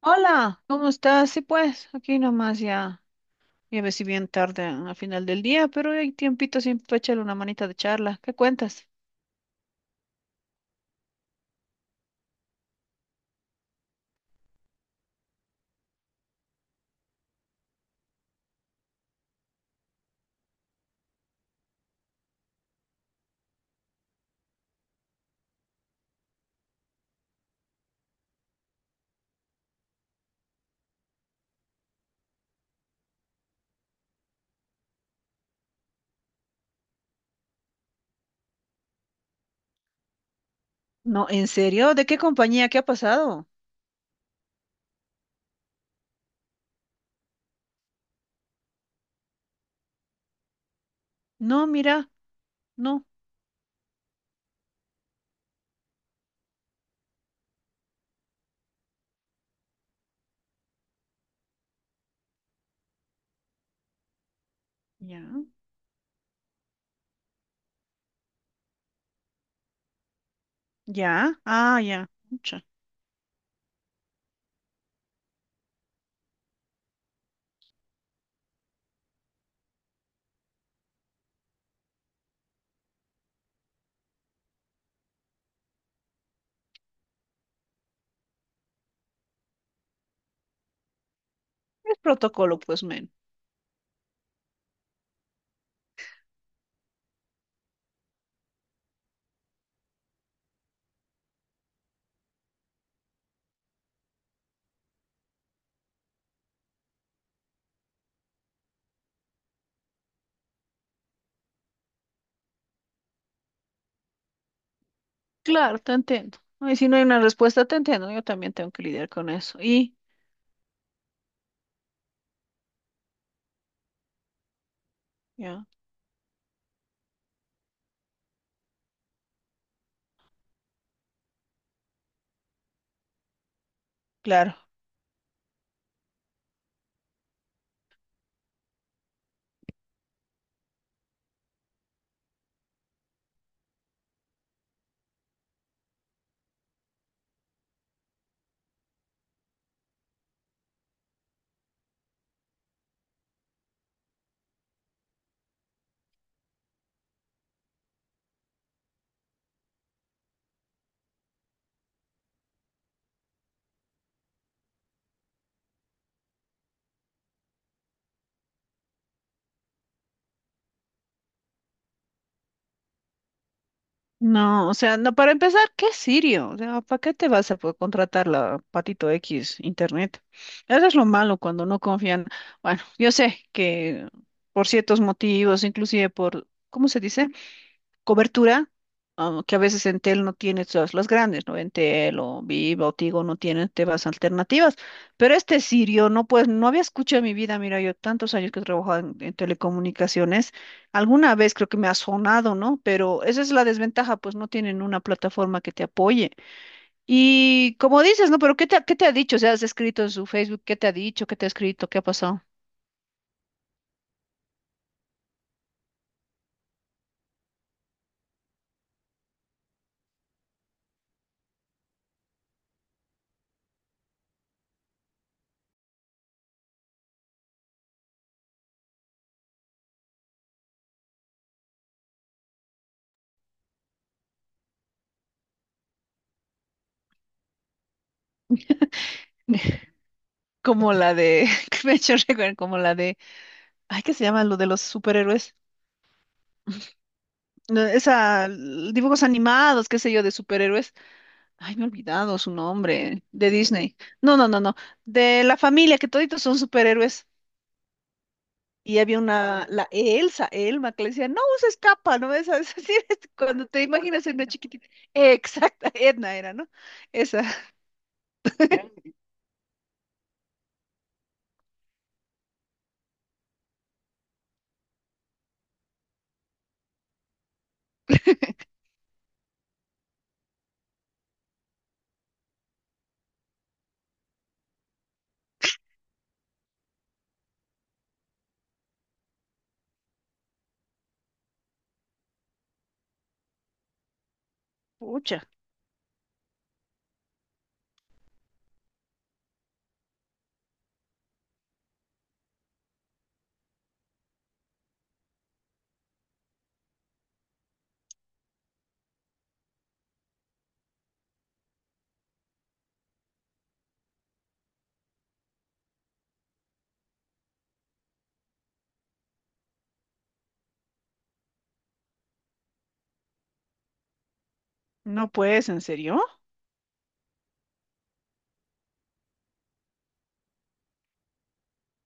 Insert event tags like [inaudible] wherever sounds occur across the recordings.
Hola, ¿cómo estás? Sí, pues, aquí nomás ya, ya ves si bien tarde a final del día, pero hay tiempito siempre para echarle una manita de charla. ¿Qué cuentas? No, ¿en serio? ¿De qué compañía? ¿Qué ha pasado? No, mira, no. Ya, ya, ah, ya, mucha. Es protocolo, pues, men. Claro, te entiendo. Ay, si no hay una respuesta, te entiendo. Yo también tengo que lidiar con eso. Y, ya, claro. No, o sea, no, para empezar, ¿qué sirio? O sea, ¿para qué te vas a contratar la Patito X Internet? Eso es lo malo cuando no confían. Bueno, yo sé que por ciertos motivos, inclusive por, ¿cómo se dice? Cobertura, ah, que a veces en Entel no tiene todas las grandes, ¿no? Entel o Viva o Tigo no tienen temas alternativas, pero este Sirio no, pues no había escuchado en mi vida. Mira, yo tantos años que he trabajado en telecomunicaciones, alguna vez creo que me ha sonado, ¿no? Pero esa es la desventaja, pues no tienen una plataforma que te apoye. Y como dices, ¿no? Pero ¿qué te, qué te ha dicho? O sea, has escrito en su Facebook, ¿qué te ha dicho? ¿Qué te ha escrito? ¿Qué ha pasado? [laughs] Como la de, [laughs] que me ha hecho recordar, como la de, ay, ¿qué se llama lo de los superhéroes? No, esa, dibujos animados, qué sé yo, de superhéroes. Ay, me he olvidado su nombre, de Disney. No, no, no, no. De la familia, que toditos son superhéroes. Y había una, la Elsa, Elma, que le decía, no uses capa, ¿no ves? [laughs] Es decir, es cuando te imaginas en una chiquitita. Exacta, Edna era, ¿no? Esa. [laughs] Pucha, no puedes, ¿en serio?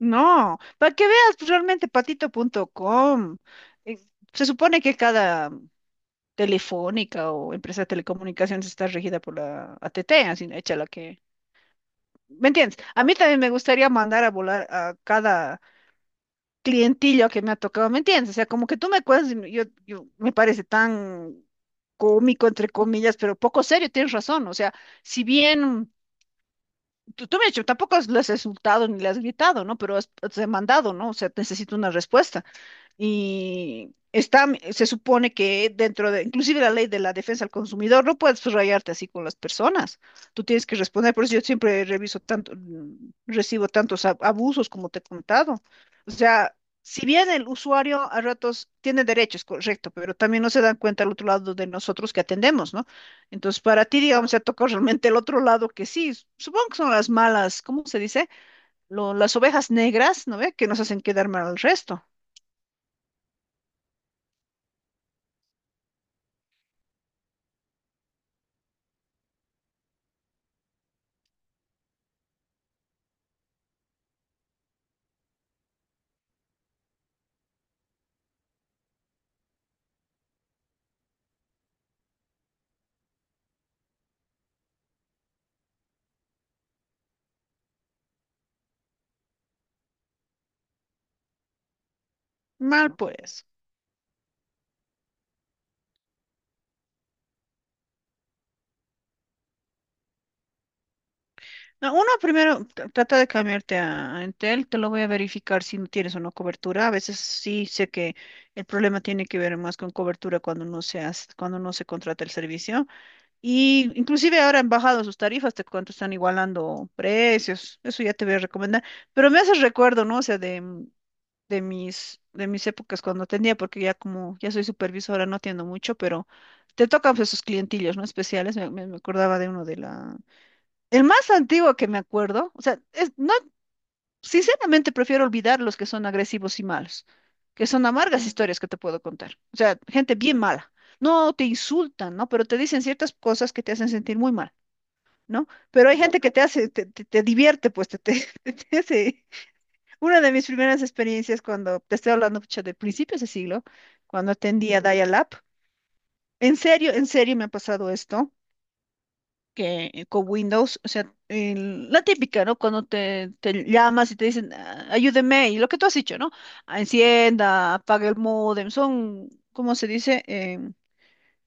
No, para que veas pues, realmente patito.com. eh, Se supone que cada Telefónica o empresa de telecomunicaciones está regida por la AT&T, así hecha la que... ¿Me entiendes? A mí también me gustaría mandar a volar a cada clientillo que me ha tocado, ¿me entiendes? O sea, como que tú me cuentas, y yo, yo me parece tan cómico, entre comillas, pero poco serio, tienes razón. O sea, si bien tú me has dicho, tampoco lo has insultado ni le has gritado, ¿no? Pero has, has demandado, ¿no? O sea, necesito una respuesta. Y está, se supone que dentro de, inclusive la ley de la defensa al consumidor, no puedes rayarte así con las personas. Tú tienes que responder, por eso yo siempre reviso tanto, recibo tantos abusos como te he contado. O sea, si bien el usuario a ratos tiene derechos, correcto, pero también no se dan cuenta al otro lado de nosotros que atendemos, ¿no? Entonces, para ti, digamos, se ha tocado realmente el otro lado que sí, supongo que son las malas, ¿cómo se dice? Las ovejas negras, ¿no ve? Que nos hacen quedar mal al resto. Mal, pues. No, uno primero trata de cambiarte a Entel, te lo voy a verificar si no tienes o no cobertura. A veces sí sé que el problema tiene que ver más con cobertura cuando no se cuando no se contrata el servicio. Y inclusive ahora han bajado sus tarifas, te cuento, están igualando precios. Eso ya te voy a recomendar. Pero me hace recuerdo, ¿no? O sea, de, de mis épocas cuando atendía, porque ya como ya soy supervisora, no atiendo mucho, pero te tocan pues, esos clientillos, ¿no? Especiales. Me acordaba de uno de la, el más antiguo que me acuerdo, o sea, es, no, sinceramente prefiero olvidar los que son agresivos y malos, que son amargas historias que te puedo contar. O sea, gente bien mala. No te insultan, ¿no? Pero te dicen ciertas cosas que te hacen sentir muy mal, ¿no? Pero hay gente que te hace, te divierte, pues [laughs] te hace. Una de mis primeras experiencias cuando te estoy hablando pucha, de principios de siglo, cuando atendía Dial-Up, en serio me ha pasado esto. Que con Windows, o sea, la típica, ¿no? Cuando te llamas y te dicen, "Ah, ayúdeme", y lo que tú has dicho, ¿no? Ah, encienda, apague el módem, son, ¿cómo se dice?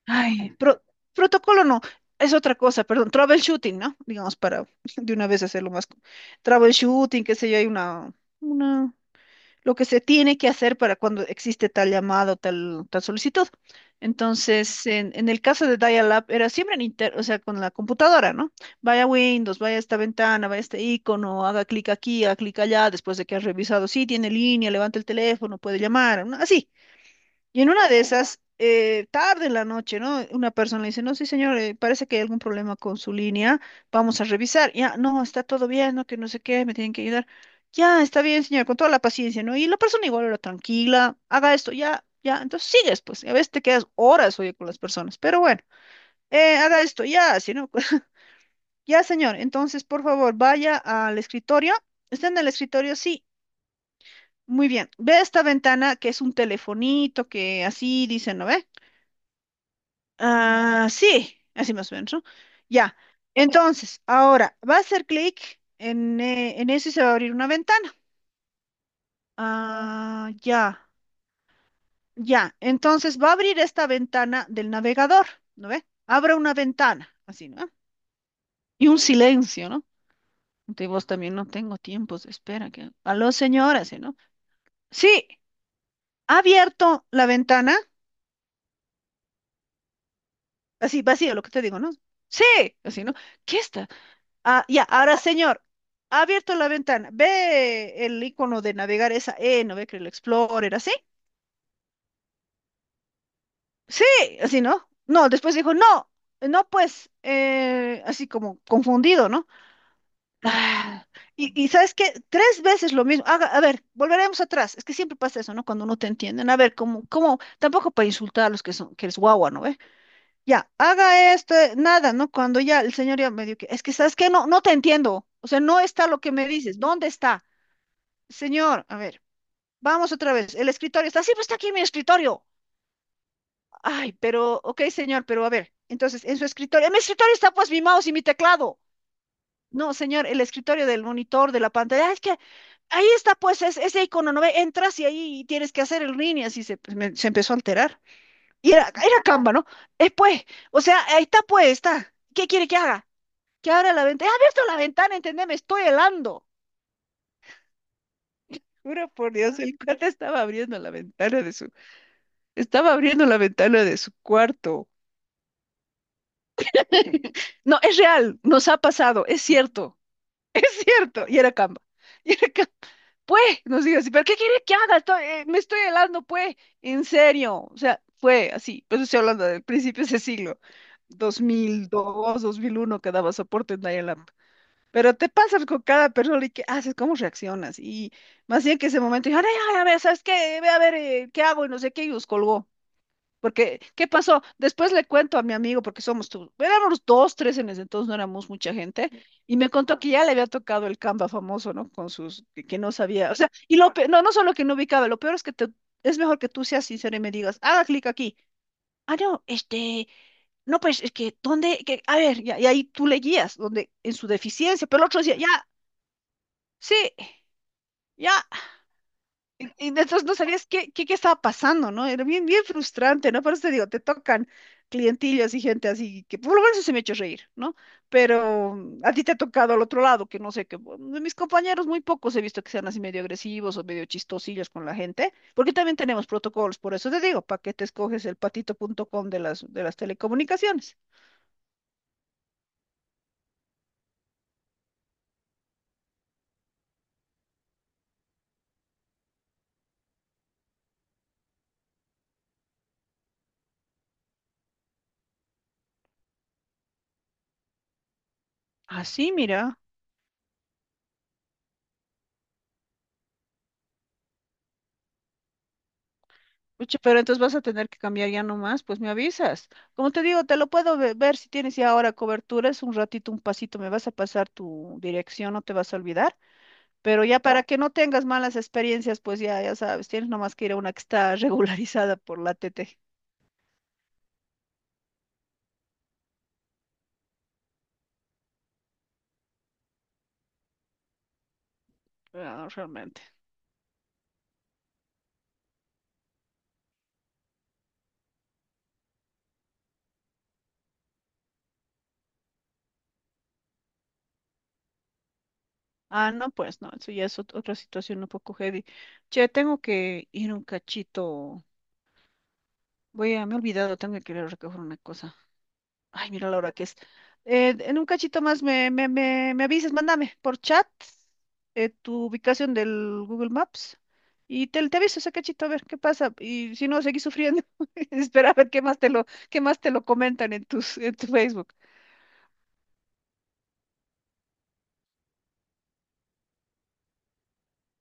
Ay, protocolo no, es otra cosa, perdón, troubleshooting, ¿no? Digamos, para [laughs] de una vez hacerlo más, troubleshooting, qué sé yo, hay una, lo que se tiene que hacer para cuando existe tal llamado, tal, tal solicitud. Entonces, en el caso de Dial-Up era siempre en inter, o sea, con la computadora, ¿no? Vaya Windows, vaya esta ventana, vaya este icono, haga clic aquí, haga clic allá, después de que has revisado, sí, tiene línea, levanta el teléfono, puede llamar, ¿no? Así. Y en una de esas, tarde en la noche, ¿no? Una persona le dice, no, sí, señor, parece que hay algún problema con su línea, vamos a revisar. Ya, no, está todo bien, no, que no sé qué, me tienen que ayudar. Ya, está bien, señor, con toda la paciencia, ¿no? Y la persona igual era tranquila, haga esto, ya, ya, entonces sigues, pues, y a veces te quedas horas, oye, con las personas, pero bueno, haga esto, ya, así, ¿no? [laughs] Ya, señor, entonces, por favor, vaya al escritorio. ¿Está en el escritorio? Sí, muy bien. Ve esta ventana que es un telefonito, que así dicen, ¿no ve? Ah, sí, así más o menos, ¿no? Ya. Entonces, ahora va a hacer clic en eso y se va a abrir una ventana. Ah, ya, ya. Entonces va a abrir esta ventana del navegador, ¿no ve? Abra una ventana, así, ¿no? Y un silencio, ¿no? De vos también no tengo tiempos de espera. Que... Aló, señora, ¿sí, no? Sí, ha abierto la ventana, así vacío, lo que te digo, ¿no? Sí, así, ¿no? ¿Qué está? Ah, ya, ahora señor, ha abierto la ventana. Ve el icono de navegar esa E, no ve que el Explorer, así. Sí, así, ¿no? No, después dijo, no, no, pues, así como confundido, ¿no? Ah, y ¿sabes qué? Tres veces lo mismo. A ver, volveremos atrás. Es que siempre pasa eso, ¿no? Cuando no te entienden. A ver, tampoco para insultar a los que son, que eres guagua, ¿no ve? Ya, haga esto, nada, ¿no? Cuando ya el señor ya me dijo que, es que, ¿sabes qué? No, no te entiendo. O sea, no está lo que me dices. ¿Dónde está? Señor, a ver, vamos otra vez. El escritorio está, sí, pues está aquí mi escritorio. Ay, pero, ok, señor, pero a ver, entonces, en su escritorio, en mi escritorio está pues mi mouse y mi teclado. No, señor, el escritorio del monitor, de la pantalla, "Ah, es que ahí está pues ese icono, ¿no ve? Entras y ahí tienes que hacer el ring y así se, pues, se empezó a alterar. Y era, era Canva, ¿no? Pues, o sea, ahí está pues, está. ¿Qué quiere que haga? Que abra la ventana. He abierto la ventana, entendé, me estoy helando. Juro por Dios, el cuate estaba abriendo la ventana de su... Estaba abriendo la ventana de su cuarto. [laughs] No, es real, nos ha pasado, es cierto, [laughs] es cierto. Y era Canva. Y era Canva. Pues, nos dijo así, ¿pero qué quiere que haga? Estoy- me estoy helando, pues, en serio. O sea, fue así. Pero estoy hablando del principio de ese siglo, 2002, 2001, que daba soporte en dial up. Pero te pasas con cada persona y qué haces, cómo reaccionas. Y más bien que ese momento, dijo, ay, ay, a ver, ¿sabes qué? Ve a ver, ¿qué hago? Y no sé qué, y los colgó. Porque, ¿qué pasó? Después le cuento a mi amigo, porque somos tú, éramos dos, tres en ese entonces, no éramos mucha gente, y me contó que ya le había tocado el Canva famoso, ¿no? Con sus, que no sabía, o sea, y no, no solo que no ubicaba, lo peor es que te, es mejor que tú seas sincero y me digas, haga clic aquí. Ah, no, este, no, pues, es que, ¿dónde? Que, a ver, ya, y ahí tú le guías, donde, en su deficiencia, pero el otro decía, ya, sí, ya. Y entonces no sabías qué, qué, qué estaba pasando, ¿no? Era bien, bien frustrante, ¿no? Por eso te digo, te tocan clientillas y gente así, que por lo menos se me echó reír, ¿no? Pero a ti te ha tocado al otro lado, que no sé, que bueno, de mis compañeros muy pocos he visto que sean así medio agresivos o medio chistosillos con la gente, porque también tenemos protocolos, por eso te digo, para que te escoges el patito.com de las telecomunicaciones. Así, mira. Pucha, pero entonces vas a tener que cambiar ya nomás, pues me avisas. Como te digo, te lo puedo ver si tienes ya ahora cobertura, es un ratito, un pasito, me vas a pasar tu dirección, no te vas a olvidar, pero ya para que no tengas malas experiencias, pues ya, ya sabes, tienes nomás que ir a una que está [laughs] regularizada por la TT. Ah, realmente. Ah, no, pues no, eso ya es otra situación un poco heavy. Che, tengo que ir un cachito. Voy a, me he olvidado, tengo que ir a recoger una cosa. Ay, mira la hora que es. En un cachito más me, me avisas, mándame por chat tu ubicación del Google Maps y te aviso ese cachito a ver qué pasa. Y si no, seguí sufriendo. [laughs] Espera a ver qué más te lo, qué más te lo comentan en tus, en tu Facebook.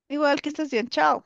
Igual que estés bien, chao.